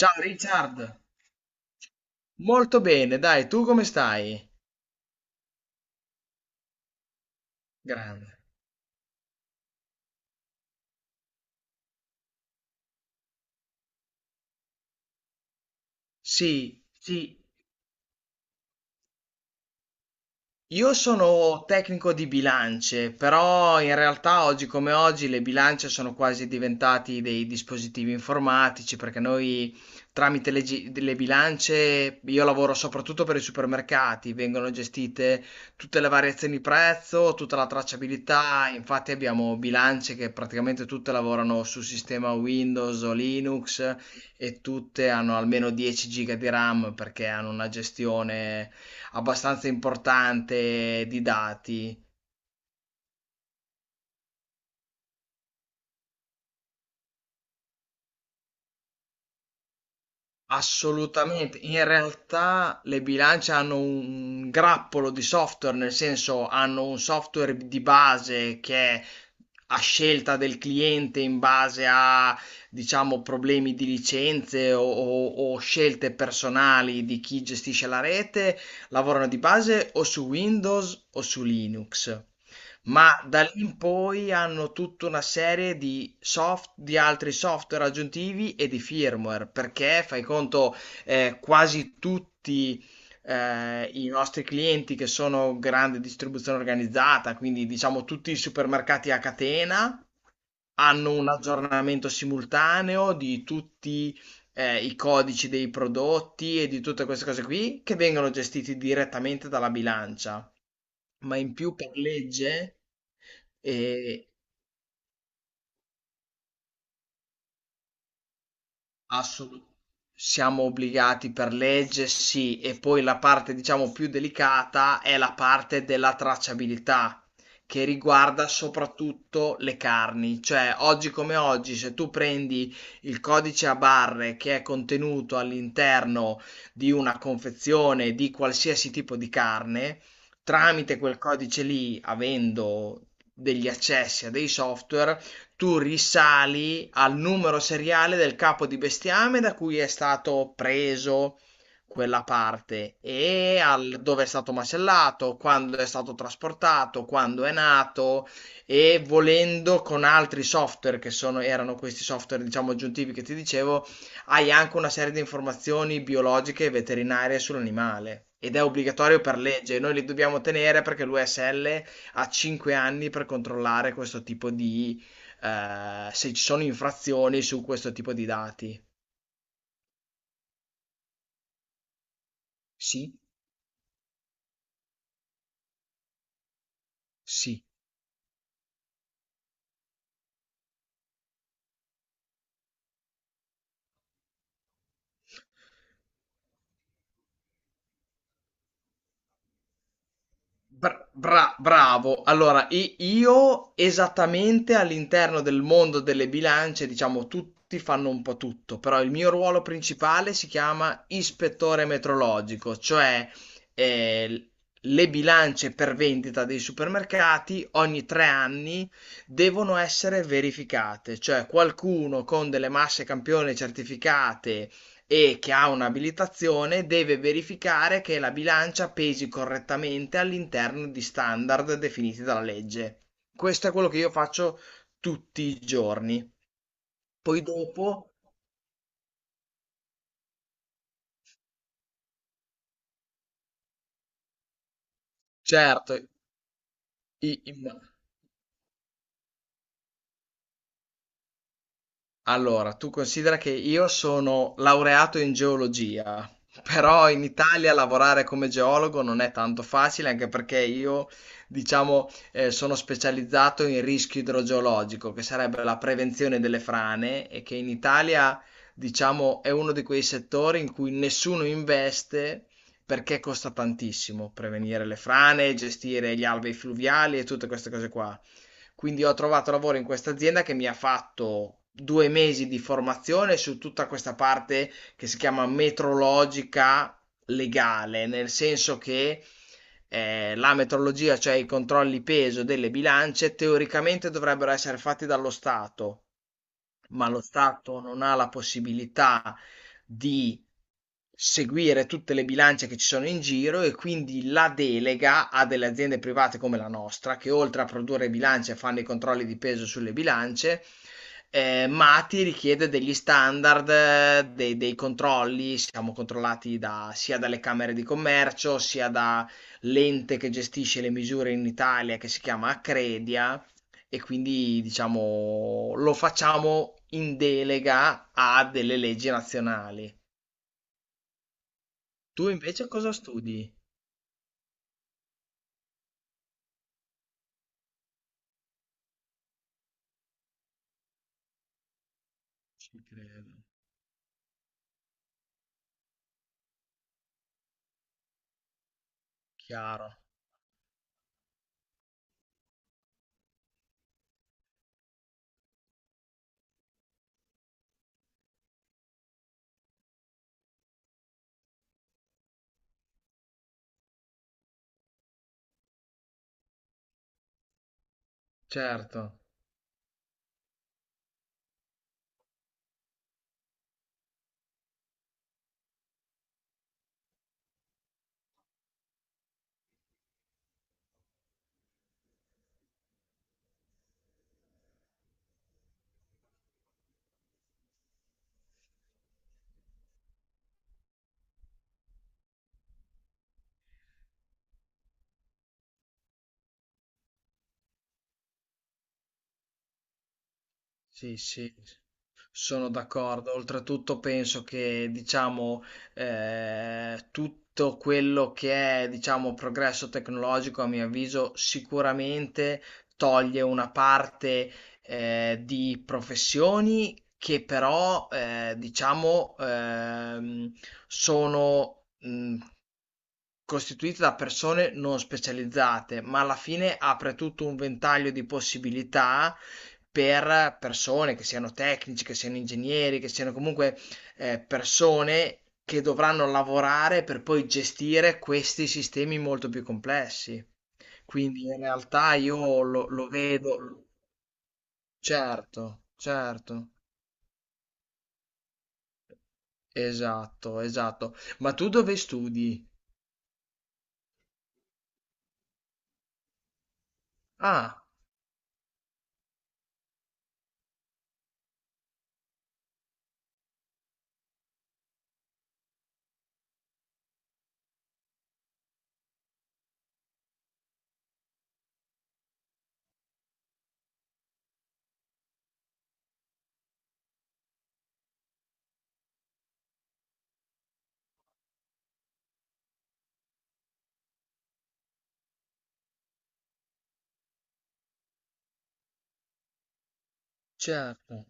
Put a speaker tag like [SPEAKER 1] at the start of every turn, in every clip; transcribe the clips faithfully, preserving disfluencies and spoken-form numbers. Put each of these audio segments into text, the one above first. [SPEAKER 1] Ciao Richard, molto bene, dai, tu come stai? Grande. Sì, sì, io sono tecnico di bilance, però in realtà oggi come oggi le bilance sono quasi diventati dei dispositivi informatici perché noi tramite le, gi- le bilance, io lavoro soprattutto per i supermercati, vengono gestite tutte le variazioni di prezzo, tutta la tracciabilità. Infatti abbiamo bilance che praticamente tutte lavorano su sistema Windows o Linux e tutte hanno almeno dieci giga di RAM perché hanno una gestione abbastanza importante di dati. Assolutamente, in realtà le bilance hanno un grappolo di software, nel senso hanno un software di base che è a scelta del cliente in base a, diciamo, problemi di licenze o, o- o scelte personali di chi gestisce la rete; lavorano di base o su Windows o su Linux. Ma da lì in poi hanno tutta una serie di soft- di altri software aggiuntivi e di firmware, perché fai conto, eh, quasi tutti eh, i nostri clienti, che sono grande distribuzione organizzata, quindi diciamo tutti i supermercati a catena, hanno un aggiornamento simultaneo di tutti eh, i codici dei prodotti e di tutte queste cose qui, che vengono gestiti direttamente dalla bilancia. Ma in più per legge, eh, assolu- siamo obbligati per legge, sì, e poi la parte diciamo più delicata è la parte della tracciabilità, che riguarda soprattutto le carni. Cioè oggi come oggi, se tu prendi il codice a barre che è contenuto all'interno di una confezione di qualsiasi tipo di carne, tramite quel codice lì, avendo degli accessi a dei software, tu risali al numero seriale del capo di bestiame da cui è stato preso quella parte, e al dove è stato macellato, quando è stato trasportato, quando è nato, e volendo con altri software che sono, erano questi software diciamo aggiuntivi che ti dicevo, hai anche una serie di informazioni biologiche e veterinarie sull'animale, ed è obbligatorio per legge. Noi li dobbiamo tenere perché l'U S L ha cinque anni per controllare questo tipo di, eh, se ci sono infrazioni su questo tipo di dati. Sì, sì. Bra- bra- bravo. Allora, i- io esattamente all'interno del mondo delle bilance, diciamo, tutti fanno un po' tutto, però il mio ruolo principale si chiama ispettore metrologico. Cioè eh, l- le bilance per vendita dei supermercati ogni tre anni devono essere verificate, cioè qualcuno con delle masse campione certificate e che ha un'abilitazione deve verificare che la bilancia pesi correttamente all'interno di standard definiti dalla legge. Questo è quello che io faccio tutti i giorni. Poi dopo, certo, i- i- allora, tu considera che io sono laureato in geologia, però in Italia lavorare come geologo non è tanto facile, anche perché io, diciamo, eh, sono specializzato in rischio idrogeologico, che sarebbe la prevenzione delle frane, e che in Italia, diciamo, è uno di quei settori in cui nessuno investe perché costa tantissimo prevenire le frane, gestire gli alvei fluviali e tutte queste cose qua. Quindi ho trovato lavoro in questa azienda, che mi ha fatto due mesi di formazione su tutta questa parte che si chiama metrologica legale, nel senso che eh, la metrologia, cioè i controlli peso delle bilance, teoricamente dovrebbero essere fatti dallo Stato, ma lo Stato non ha la possibilità di seguire tutte le bilance che ci sono in giro, e quindi la delega a delle aziende private come la nostra, che oltre a produrre bilance fanno i controlli di peso sulle bilance. Eh, ma ti richiede degli standard, eh, dei, dei controlli. Siamo controllati da, sia dalle camere di commercio, sia da l'ente che gestisce le misure in Italia, che si chiama Accredia, e quindi diciamo lo facciamo in delega a delle leggi nazionali. Tu invece cosa studi? Ci credo. Chiaro, certo, sì, sì. Sono d'accordo. Oltretutto penso che, diciamo, eh, tutto quello che è, diciamo, progresso tecnologico, a mio avviso, sicuramente toglie una parte, eh, di professioni che, però, eh, diciamo, ehm, sono mh, costituita da persone non specializzate, ma alla fine apre tutto un ventaglio di possibilità per persone che siano tecnici, che siano ingegneri, che siano comunque eh, persone che dovranno lavorare per poi gestire questi sistemi molto più complessi. Quindi in realtà io lo, lo vedo, certo, certo, esatto, esatto. Ma tu dove studi? Ah, certo.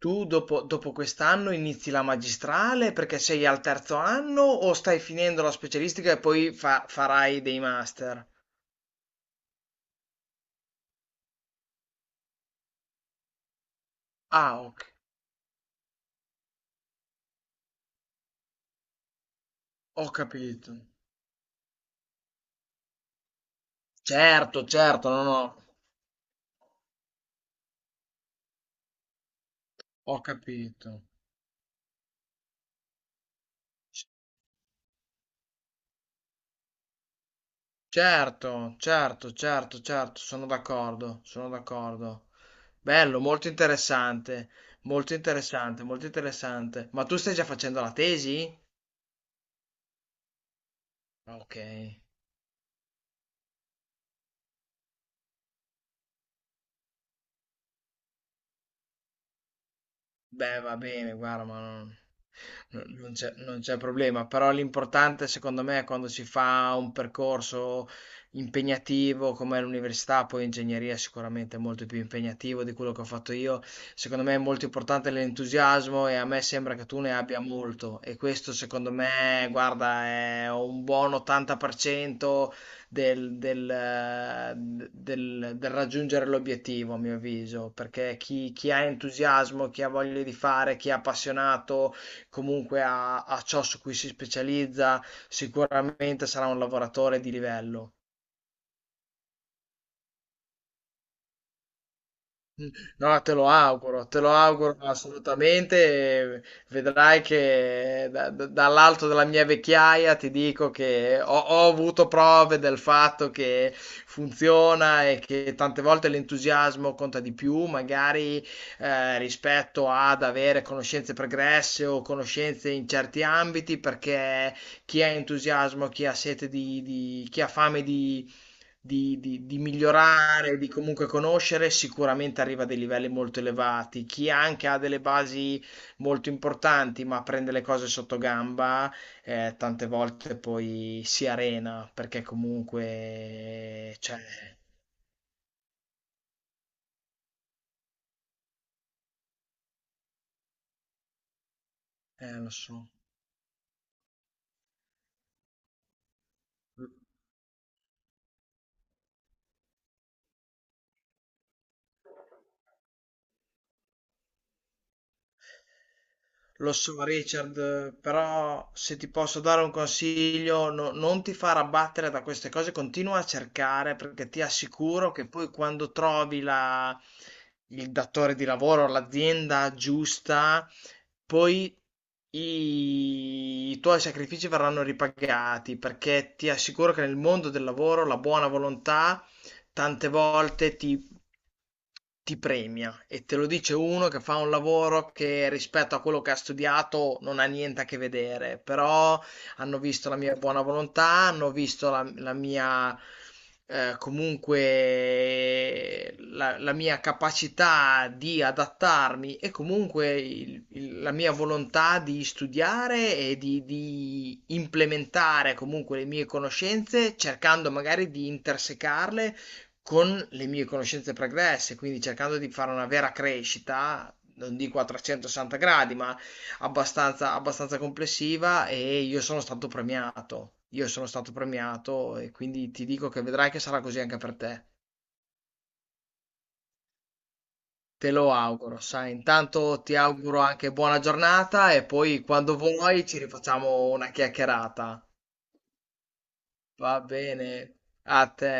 [SPEAKER 1] Tu dopo, dopo quest'anno inizi la magistrale perché sei al terzo anno, o stai finendo la specialistica e poi fa- farai dei master? Ah, ho, ho capito. Certo, certo, no, no, ho capito. C- Certo, certo, certo, certo, sono d'accordo, sono d'accordo. Bello, molto interessante, molto interessante, molto interessante. Ma tu stai già facendo la tesi? Ok. Beh, va bene, guarda, ma non, non- non c'è non c'è problema, però l'importante secondo me è quando si fa un percorso impegnativo come l'università, poi ingegneria sicuramente è molto più impegnativo di quello che ho fatto io. Secondo me è molto importante l'entusiasmo, e a me sembra che tu ne abbia molto, e questo secondo me, guarda, è un buon ottanta per cento del, del, eh, del- del raggiungere l'obiettivo, a mio avviso, perché chi, chi ha entusiasmo, chi ha voglia di fare, chi è appassionato comunque a a ciò su cui si specializza, sicuramente sarà un lavoratore di livello. Mm. No, te lo auguro, te lo auguro assolutamente. eh, Vedrai che da- da- dall'alto della mia vecchiaia ti dico che ho, ho avuto prove del fatto che funziona, e che tante volte l'entusiasmo conta di più, magari, eh, rispetto ad avere conoscenze pregresse o conoscenze in certi ambiti, perché chi ha entusiasmo, chi ha sete di, di- chi ha fame di, di- di migliorare, di comunque conoscere, sicuramente arriva a dei livelli molto elevati. Chi anche ha delle basi molto importanti, ma prende le cose sotto gamba, eh, tante volte poi si arena, perché comunque, cioè, eh, lo so. Lo so, Richard, però se ti posso dare un consiglio, no- non ti far abbattere da queste cose, continua a cercare perché ti assicuro che poi quando trovi la- il datore di lavoro, l'azienda giusta, poi i, i tuoi sacrifici verranno ripagati, perché ti assicuro che nel mondo del lavoro la buona volontà tante volte ti ti premia, e te lo dice uno che fa un lavoro che rispetto a quello che ha studiato non ha niente a che vedere. Però hanno visto la mia buona volontà, hanno visto la, la mia, eh, comunque la, la mia capacità di adattarmi, e comunque il- il- la mia volontà di studiare, e di, di implementare comunque le mie conoscenze, cercando magari di intersecarle con le mie conoscenze pregresse, quindi cercando di fare una vera crescita, non dico a trecentosessanta gradi, ma abbastanza, abbastanza complessiva. E io sono stato premiato. Io sono stato premiato, e quindi ti dico che vedrai che sarà così anche per te. Te lo auguro, sai. Intanto ti auguro anche buona giornata, e poi quando vuoi ci rifacciamo una chiacchierata. Va bene, a te.